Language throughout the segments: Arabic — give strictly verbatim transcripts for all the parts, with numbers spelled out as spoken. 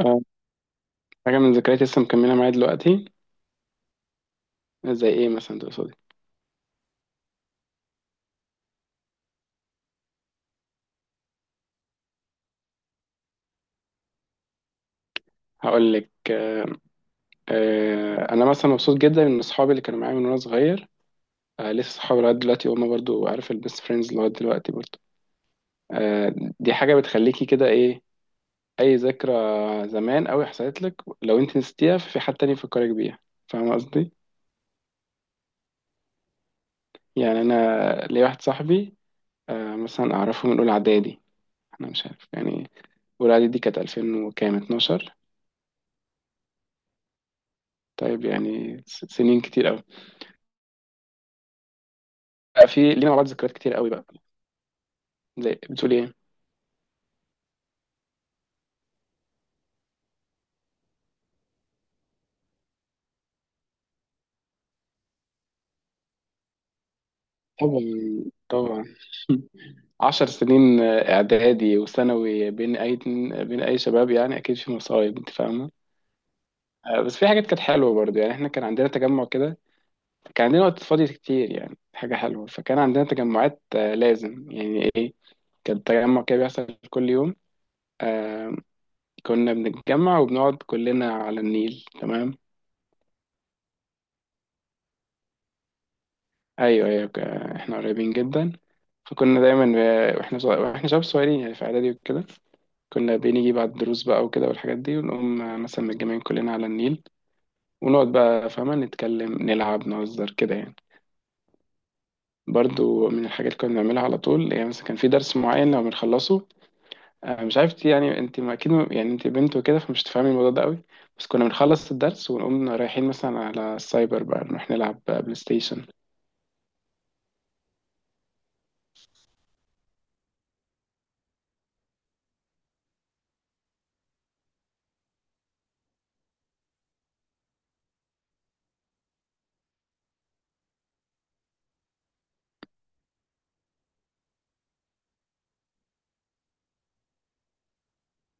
آه، حاجة من ذكرياتي لسه مكملة معايا دلوقتي. زي ايه مثلا تقصدي؟ هقول لك آه، آه، انا مثلا مبسوط جدا ان اصحابي اللي كانوا معايا من وانا صغير. آه، لسه صحابي لغاية دلوقتي وهم برضو عارف البيست فريندز لغاية دلوقتي برضو. آه، دي حاجة بتخليكي كده ايه؟ اي ذكرى زمان قوي حصلت لك لو انت نسيتيها ففي حد تاني يفكرك بيها. فاهمة قصدي؟ يعني انا ليا واحد صاحبي آه، مثلا اعرفه من اولى اعدادي. انا مش عارف يعني اولى اعدادي دي كانت ألفين وكام اتناشر. طيب يعني س- سنين كتير. لأ، في لينا مع بعض ذكريات كتير قوي بقى. زي بتقول ايه؟ طبعا. طبعا. عشر سنين آه، اعدادي وثانوي بين اي، بين اي شباب يعني اكيد في مصايب انت فاهمه. آه، بس في حاجات كانت حلوه برضه، يعني احنا كان عندنا تجمع كده. كان عندنا وقت فاضي كتير يعني حاجه حلوه، فكان عندنا تجمعات آه، لازم يعني ايه. كان تجمع كده بيحصل كل يوم. آه، كنا بنتجمع وبنقعد كلنا على النيل. تمام. ايوه ايوه، ك- احنا قريبين جدا. فكنا دايما ب- واحنا صغ- واحنا شباب صغيرين يعني في اعدادي وكده. كنا بنيجي بعد الدروس بقى وكده والحاجات دي، ونقوم مثلا متجمعين كلنا على النيل. ونقعد بقى فاهمة، نتكلم نلعب نهزر كده يعني. برضو من الحاجات اللي كنا بنعملها على طول، يعني مثلا كان في درس معين لو بنخلصه آه، مش عارف يعني، انت ما اكيد يعني انت بنت وكده فمش تفهمي الموضوع ده قوي. بس كنا بنخلص الدرس ونقوم رايحين مثلا على السايبر بقى، نروح نلعب بقى بلاي ستيشن.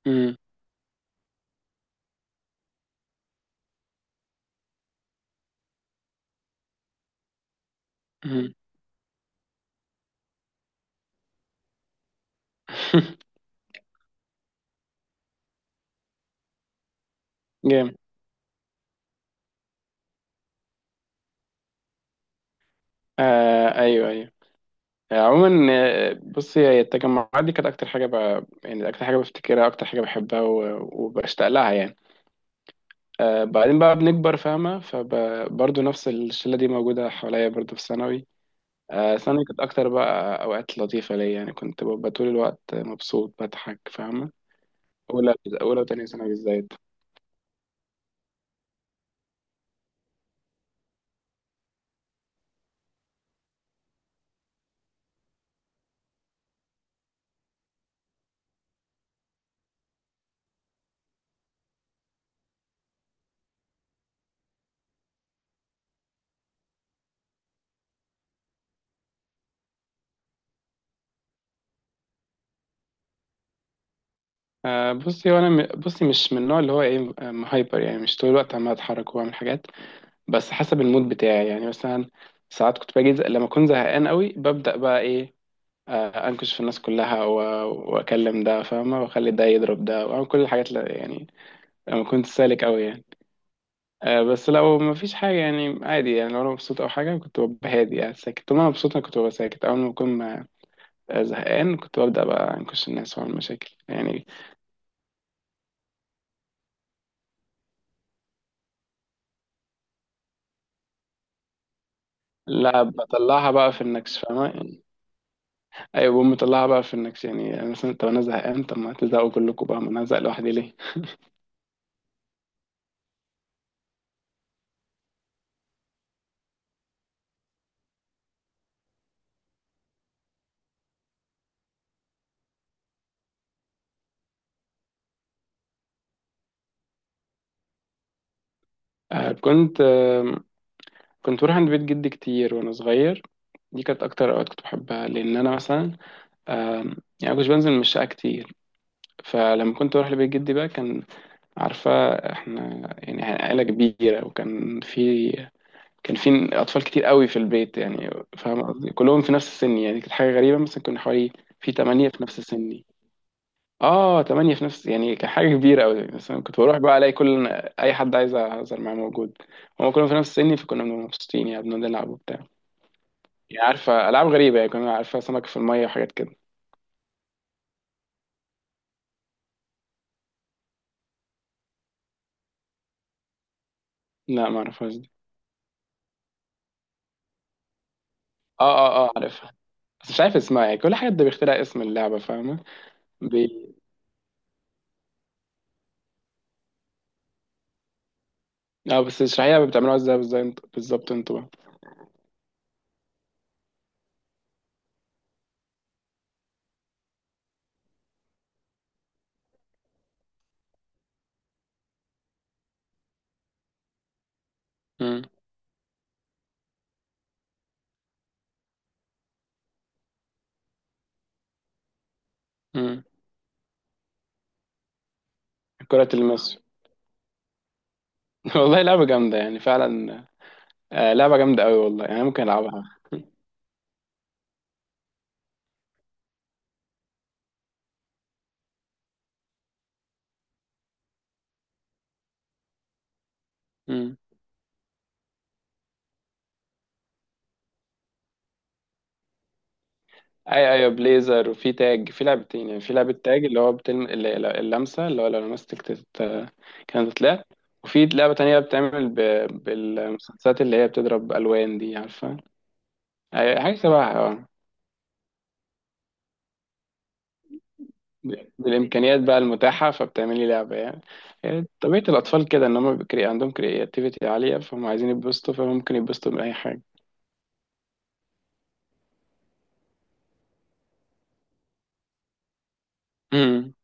امم. امم. جامد. آه ايوه ايوه. آه، عموما آه، بصي، هي التجمعات دي كانت اكتر حاجه ب... يعني اكتر حاجه بفتكرها، اكتر حاجه بحبها و... وبشتاق لها يعني. آه بعدين بقى بنكبر فاهمه، فبرضه نفس الشله دي موجوده حواليا برضه في ثانوي. آه ثانوي كانت اكتر بقى اوقات لطيفه ليا، يعني كنت ببقى طول الوقت مبسوط بضحك فاهمه. اولى اولى وتانية ثانوي بالذات. آه بصي، وانا م... بصي مش من النوع اللي هو ايه آه، هايبر، يعني مش طول الوقت عمال اتحرك واعمل حاجات. بس حسب المود بتاعي، يعني مثلا ساعات كنت باجي ز- لما اكون زهقان قوي ببدأ بقى ايه آه، انكش في الناس كلها و- واكلم ده فاهمة، واخلي ده يضرب ده، واعمل كل الحاجات اللي يعني لما كنت سالك قوي يعني. آه، بس لو ما فيش حاجة يعني عادي، يعني لو انا مبسوط او حاجة كنت ببقى هادي، يعني ساكت طول ما انا مبسوط انا كنت ببقى ساكت. اول ما اكون ما- آه، زهقان كنت ببدأ بقى انكش الناس واعمل مشاكل يعني. لا بطلعها بقى في النكش فاهمة يعني. ايوه بقوم مطلعها بقى في النكش يعني، يعني مثلا طب انا زهقان، طب ما تزهقوا كلكم بقى، ما انا هزهق لوحدي ليه؟ آه، كنت آه، كنت بروح عند بيت جدي كتير وانا صغير. دي كانت اكتر اوقات كنت بحبها لان انا مثلا آم، يعني مش بنزل من الشقه كتير. فلما كنت بروح لبيت جدي بقى كان، عارفه، احنا يعني عائله كبيره، وكان في، كان في اطفال كتير قوي في البيت يعني، فاهم قصدي، كلهم في نفس السن. يعني كانت حاجه غريبه، مثلا كنا حوالي في تمانية في نفس السن. اه تمانية في نفس، يعني كحاجة كبيرة أوي. بس أنا كنت بروح بقى ألاقي كل أي حد عايز أهزر معاه موجود. هما كلهم في نفس سني فكنا بنبقى مبسوطين، يعني بنقعد نلعب وبتاع. يعني عارفة ألعاب غريبة، يعني كنا عارفة سمك في المية وحاجات كده. لا ما أعرفهاش دي. اه اه اه عارفها، بس مش عارف اسمها، يعني كل حد بيخترع اسم اللعبة فاهمة. بي... اه بس اشرحيها، بتعملوها ازاي بالظبط انتوا، بالظبط انتوا بقى. مم. مم. كرة المس. والله لعبة جامدة يعني فعلا. آه لعبة جامدة أوي والله، يعني ممكن ألعبها. مم. ايوه ايوه، بليزر وفي تاج، في لعبتين. يعني في لعبة تاج اللي هو بتلم... اللي- اللمسة، اللي هو لو لمستك تت... كانت تتلعب. وفي لعبة تانية بتعمل ب... بالمسدسات اللي هي بتضرب ألوان، دي عارفة. أي- حاجة شبهها اه. بالإمكانيات بقى المتاحة فبتعملي لعبة يعني. يعني طبيعة الأطفال كده إن هم بيكري... عندهم كرياتيفيتي عالية، فهم عايزين يتبسطوا فممكن يتبسطوا من أي حاجة. امم.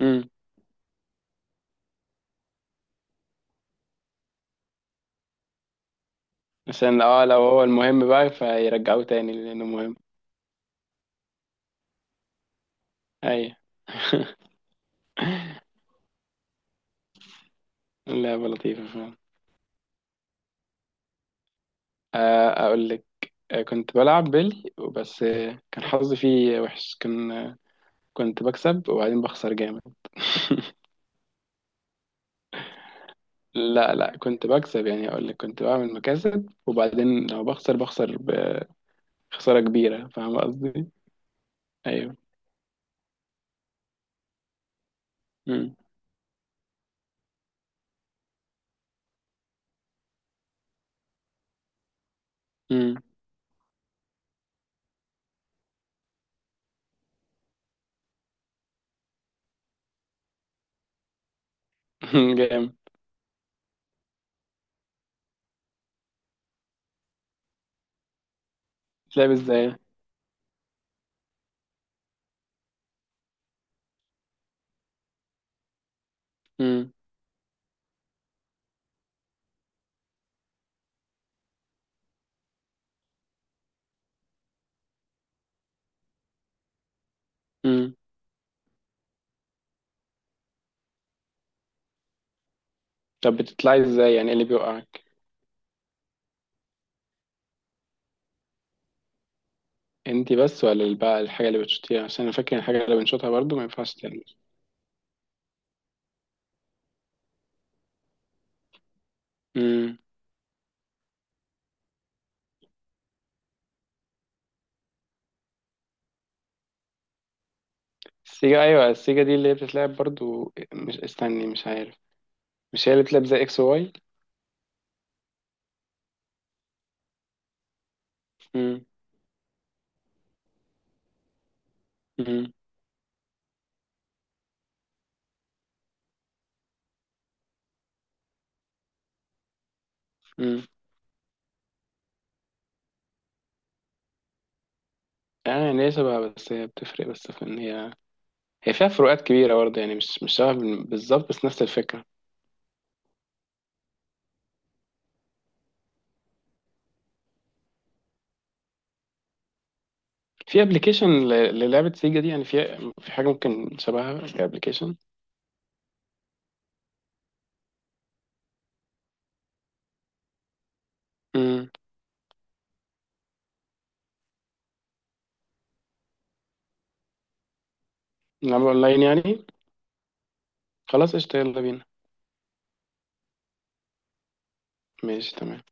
امم. عشان اه لو هو المهم بقى فيرجعوه تاني لأنه مهم. أيوة. اللعبة لطيفة فعلا. آه، اقول لك آه، كنت بلعب بيلي، بس آه، كان حظي فيه وحش، كان آه، كنت بكسب وبعدين بخسر جامد. لا لا كنت بكسب، يعني اقول لك كنت بعمل مكاسب وبعدين لو بخسر بخسر بخسارة كبيرة فاهم قصدي. ايوه. امم. امم. جامد. بتلعب ازاي؟ امم. امم. طب بتطلعي ازاي، يعني إيه اللي بيوقعك؟ انتي بس ولا بقى الحاجة اللي بتشوتيها؟ عشان انا فاكر الحاجة اللي بنشوتها برضو ما ينفعش تعمل. السيجا، ايوه. السيجا دي اللي هي بتتلعب برضو، مش استني، مش عارف، مش هي اللي بتلعب زي اكس واي؟ امم. امم. امم. يعني هي شبهها، بس هي بتفرق بس في ان هي هي فيها فروقات كبيره برضه، يعني مش مش شبه بال- بالظبط، بس نفس الفكره. في ابلكيشن للعبه سيجا دي؟ يعني في في حاجه ممكن شبهها كابلكيشن. امم. نلعب اونلاين يعني؟ خلاص قشطه، يلا بينا. ماشي تمام.